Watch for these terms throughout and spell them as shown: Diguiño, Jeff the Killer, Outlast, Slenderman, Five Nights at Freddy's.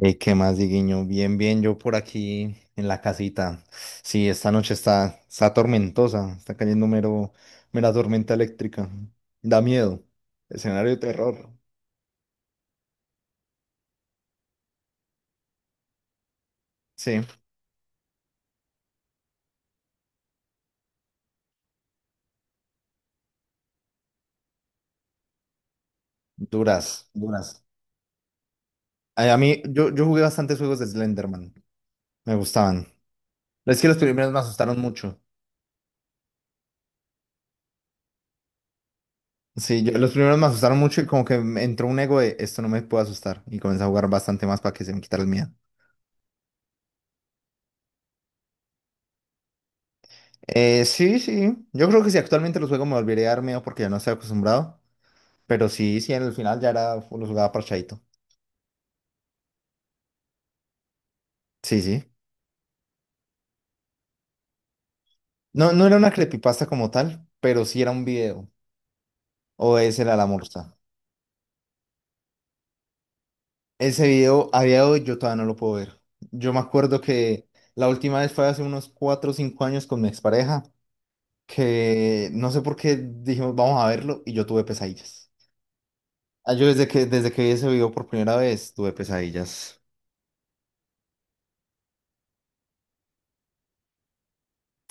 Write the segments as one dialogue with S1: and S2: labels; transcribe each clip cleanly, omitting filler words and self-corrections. S1: ¿Qué más, Diguiño? Bien, bien, yo por aquí en la casita. Sí, esta noche está tormentosa, está cayendo mero, mera tormenta eléctrica. Da miedo. Escenario de terror. Sí, duras, duras. Ay, a mí, yo jugué bastantes juegos de Slenderman. Me gustaban. Es que los primeros me asustaron mucho. Sí, yo- los primeros me asustaron mucho y como que me entró un ego de esto no me puede asustar. Y comencé a jugar bastante más para que se me quitara el miedo. Sí, sí. Yo creo que si actualmente los juego me volvería a dar miedo porque ya no estoy acostumbrado. Pero sí, sí, en el final ya era, lo jugaba parchadito. Sí, sí. No, no era una creepypasta como tal, pero sí era un video. O ese era la morsa. Ese video, a día de hoy, yo todavía no lo puedo ver. Yo me acuerdo que la última vez fue hace unos 4 o 5 años con mi expareja, que no sé por qué dijimos, vamos a verlo, y yo tuve pesadillas. Ah, yo desde que vi ese video por primera vez, tuve pesadillas.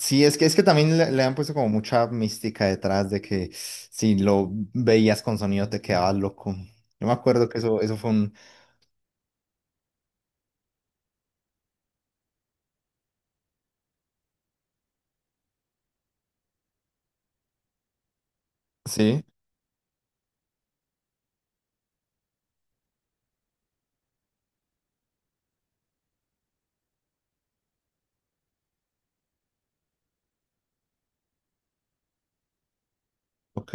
S1: Sí, es que también le han puesto como mucha mística detrás de que si lo veías con sonido te quedabas loco. Yo me acuerdo que eso fue un... Sí, ok.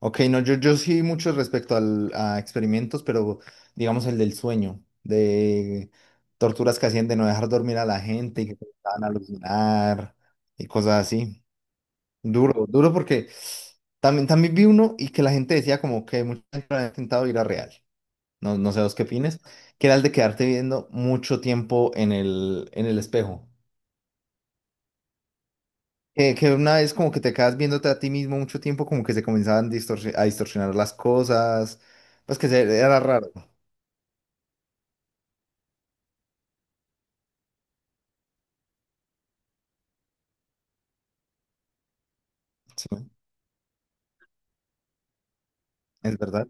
S1: Ok, no, yo sí mucho respecto al, a experimentos, pero digamos el del sueño, de torturas que hacían de no dejar dormir a la gente y que te dejaban alucinar y cosas así. Duro, duro porque también, también vi uno y que la gente decía como que mucha gente había intentado ir a real. No, no sé vos qué opines, que era el de quedarte viendo mucho tiempo en el espejo. Que una vez como que te quedas viéndote a ti mismo mucho tiempo, como que se comenzaban distorsi- a distorsionar las cosas, pues que se, era raro, sí, es verdad.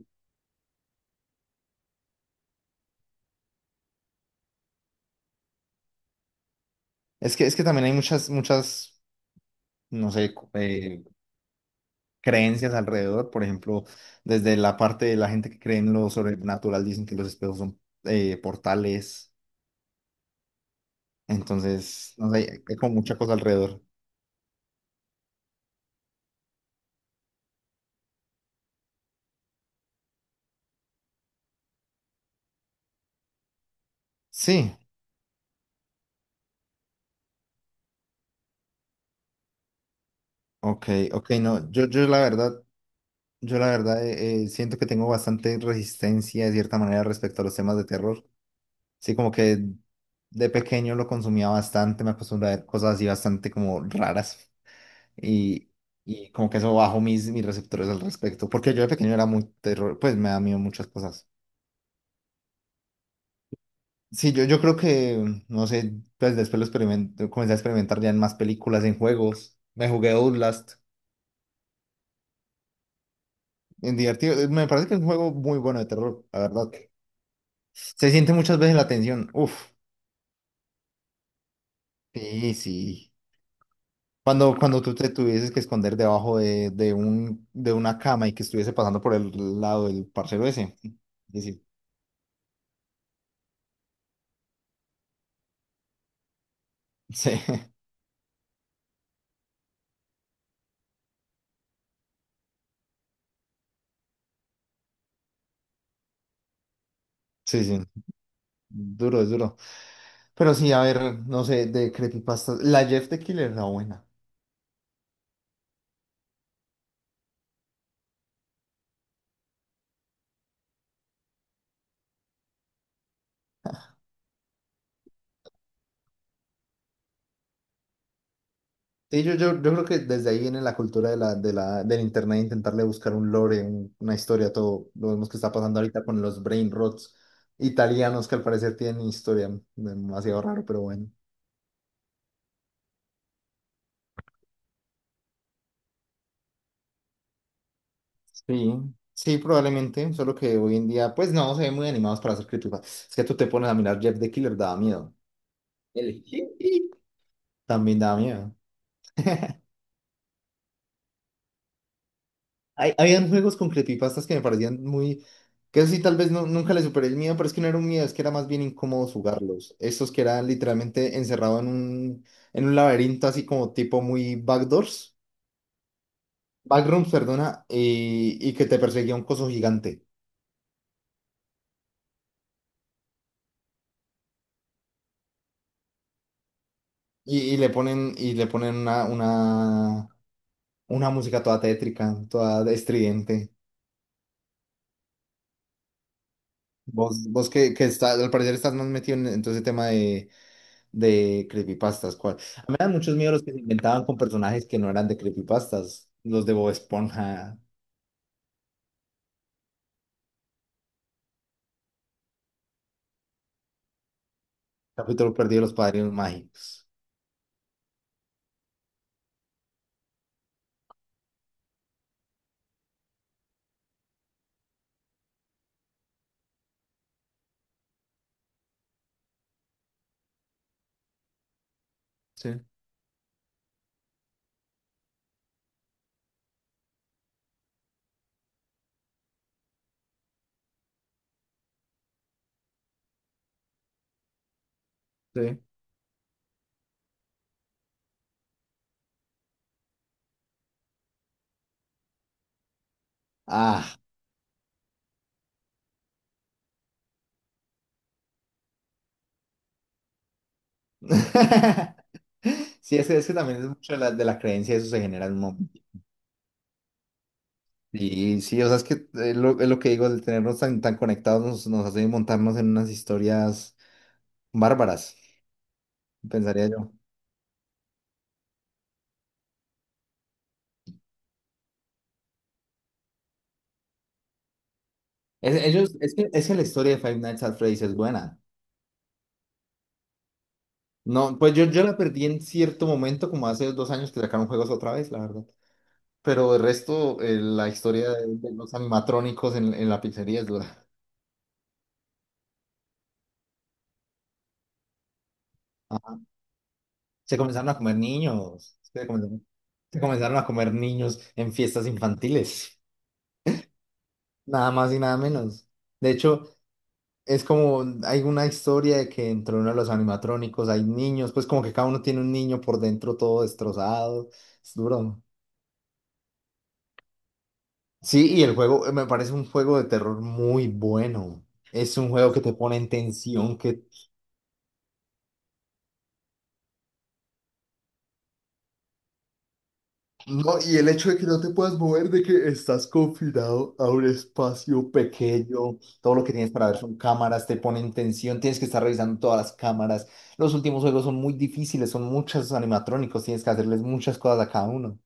S1: Es que también hay muchas, muchas, no sé, cu- creencias alrededor, por ejemplo, desde la parte de la gente que cree en lo sobrenatural, dicen que los espejos son portales, entonces, no sé, hay como mucha cosa alrededor. Sí. Ok, ok, no, yo, yo la verdad siento que tengo bastante resistencia de cierta manera respecto a los temas de terror. Sí, como que de pequeño lo consumía bastante, me acostumbré a ver cosas así bastante como raras y, y como que eso bajó mis, mis receptores al respecto, porque yo de pequeño era muy terror, pues me da miedo muchas cosas. Sí, yo creo que, no sé, pues después lo experimento, comencé a experimentar ya en más películas, en juegos, me jugué Outlast, en divertido, me parece que es un juego muy bueno de terror, la verdad. Se siente muchas veces la tensión. Uf, sí, sí. Cuando, cuando tú te tuvieses que esconder debajo de un, de una cama y que estuviese pasando por el lado del parcero ese. Sí, sí, sí, sí, sí. Duro, es duro. Pero sí, a ver, no sé, de creepypastas. La Jeff the Killer era buena. Sí, yo creo que desde ahí viene la cultura de la, del internet, intentarle buscar un lore, un- una historia, todo. Lo vemos que está pasando ahorita con los brain rots italianos que al parecer tienen historia. Demasiado raro, pero bueno. Sí, sí, probablemente, solo que hoy en día, pues no, se ven muy animados para hacer creepypastas. Es que tú te pones a mirar Jeff the Killer, daba miedo. El también daba miedo. Hay, habían juegos con creepypastas que me parecían muy... Que eso sí, tal vez no- nunca le superé el miedo, pero es que no era un miedo, es que era más bien incómodo jugarlos. Estos que eran literalmente encerrado en un laberinto así como tipo muy backdoors, backrooms, perdona, y que te perseguía un coso gigante. Y le ponen una música toda tétrica, toda estridente. Vos, vos que está, al parecer estás más metido en todo ese tema de creepypastas, ¿cuál? A mí me dan muchos miedos los que se inventaban con personajes que no eran de creepypastas. Los de Bob Esponja, capítulo perdido de los padrinos mágicos. Sí, sí. Ah. Sí, es que también es mucho de la creencia, eso se genera en un momento. Y sí, o sea, es que lo- es lo, que digo, el tenernos tan, tan conectados nos, nos hace montarnos en unas historias bárbaras. Pensaría yo. Es, ellos, es que la historia de Five Nights at Freddy's es buena. No, pues yo la perdí en cierto momento, como hace 2 años que sacaron juegos otra vez, la verdad. Pero el resto, la historia de los animatrónicos en la pizzería es dura. Ajá. Se comenzaron a comer niños. Se comenzaron a comer niños en fiestas infantiles. Nada más y nada menos. De hecho, es como, hay una historia de que dentro de uno de los animatrónicos hay niños, pues como que cada uno tiene un niño por dentro todo destrozado. Es duro. Sí, y el juego me parece un juego de terror muy bueno. Es un juego que te pone en tensión, que... No, y el hecho de que no te puedas mover, de que estás confinado a un espacio pequeño. Todo lo que tienes para ver son cámaras, te pone en tensión, tienes que estar revisando todas las cámaras. Los últimos juegos son muy difíciles, son muchos animatrónicos, tienes que hacerles muchas cosas a cada uno.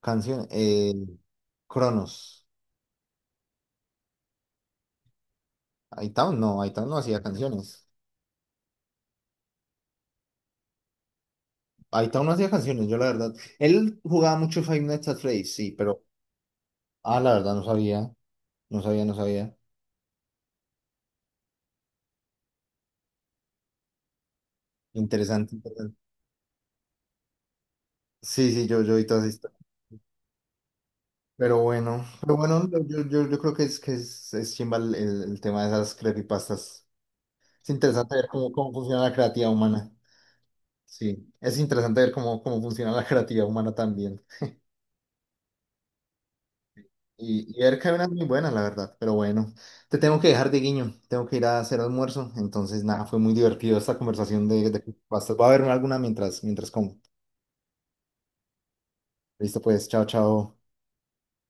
S1: Canción, Cronos. Hightown no hacía canciones. Ahí está uno hacía canciones, yo la verdad. Él jugaba mucho Five Nights at Freddy's, sí, pero. Ah, la verdad, no sabía. No sabía, no sabía. Interesante, interesante. Sí, sí, yo vi todas estas. Pero bueno, yo creo que es chimba el tema de esas creepypastas. Es interesante ver cómo, cómo funciona la creatividad humana. Sí, es interesante ver cómo, cómo funciona la creatividad humana también. Y ver que hay unas muy buenas, la verdad. Pero bueno, te tengo que dejar de guiño. Tengo que ir a hacer almuerzo. Entonces, nada, fue muy divertido esta conversación de pastas. Voy a verme alguna mientras, mientras como. Listo, pues, chao, chao.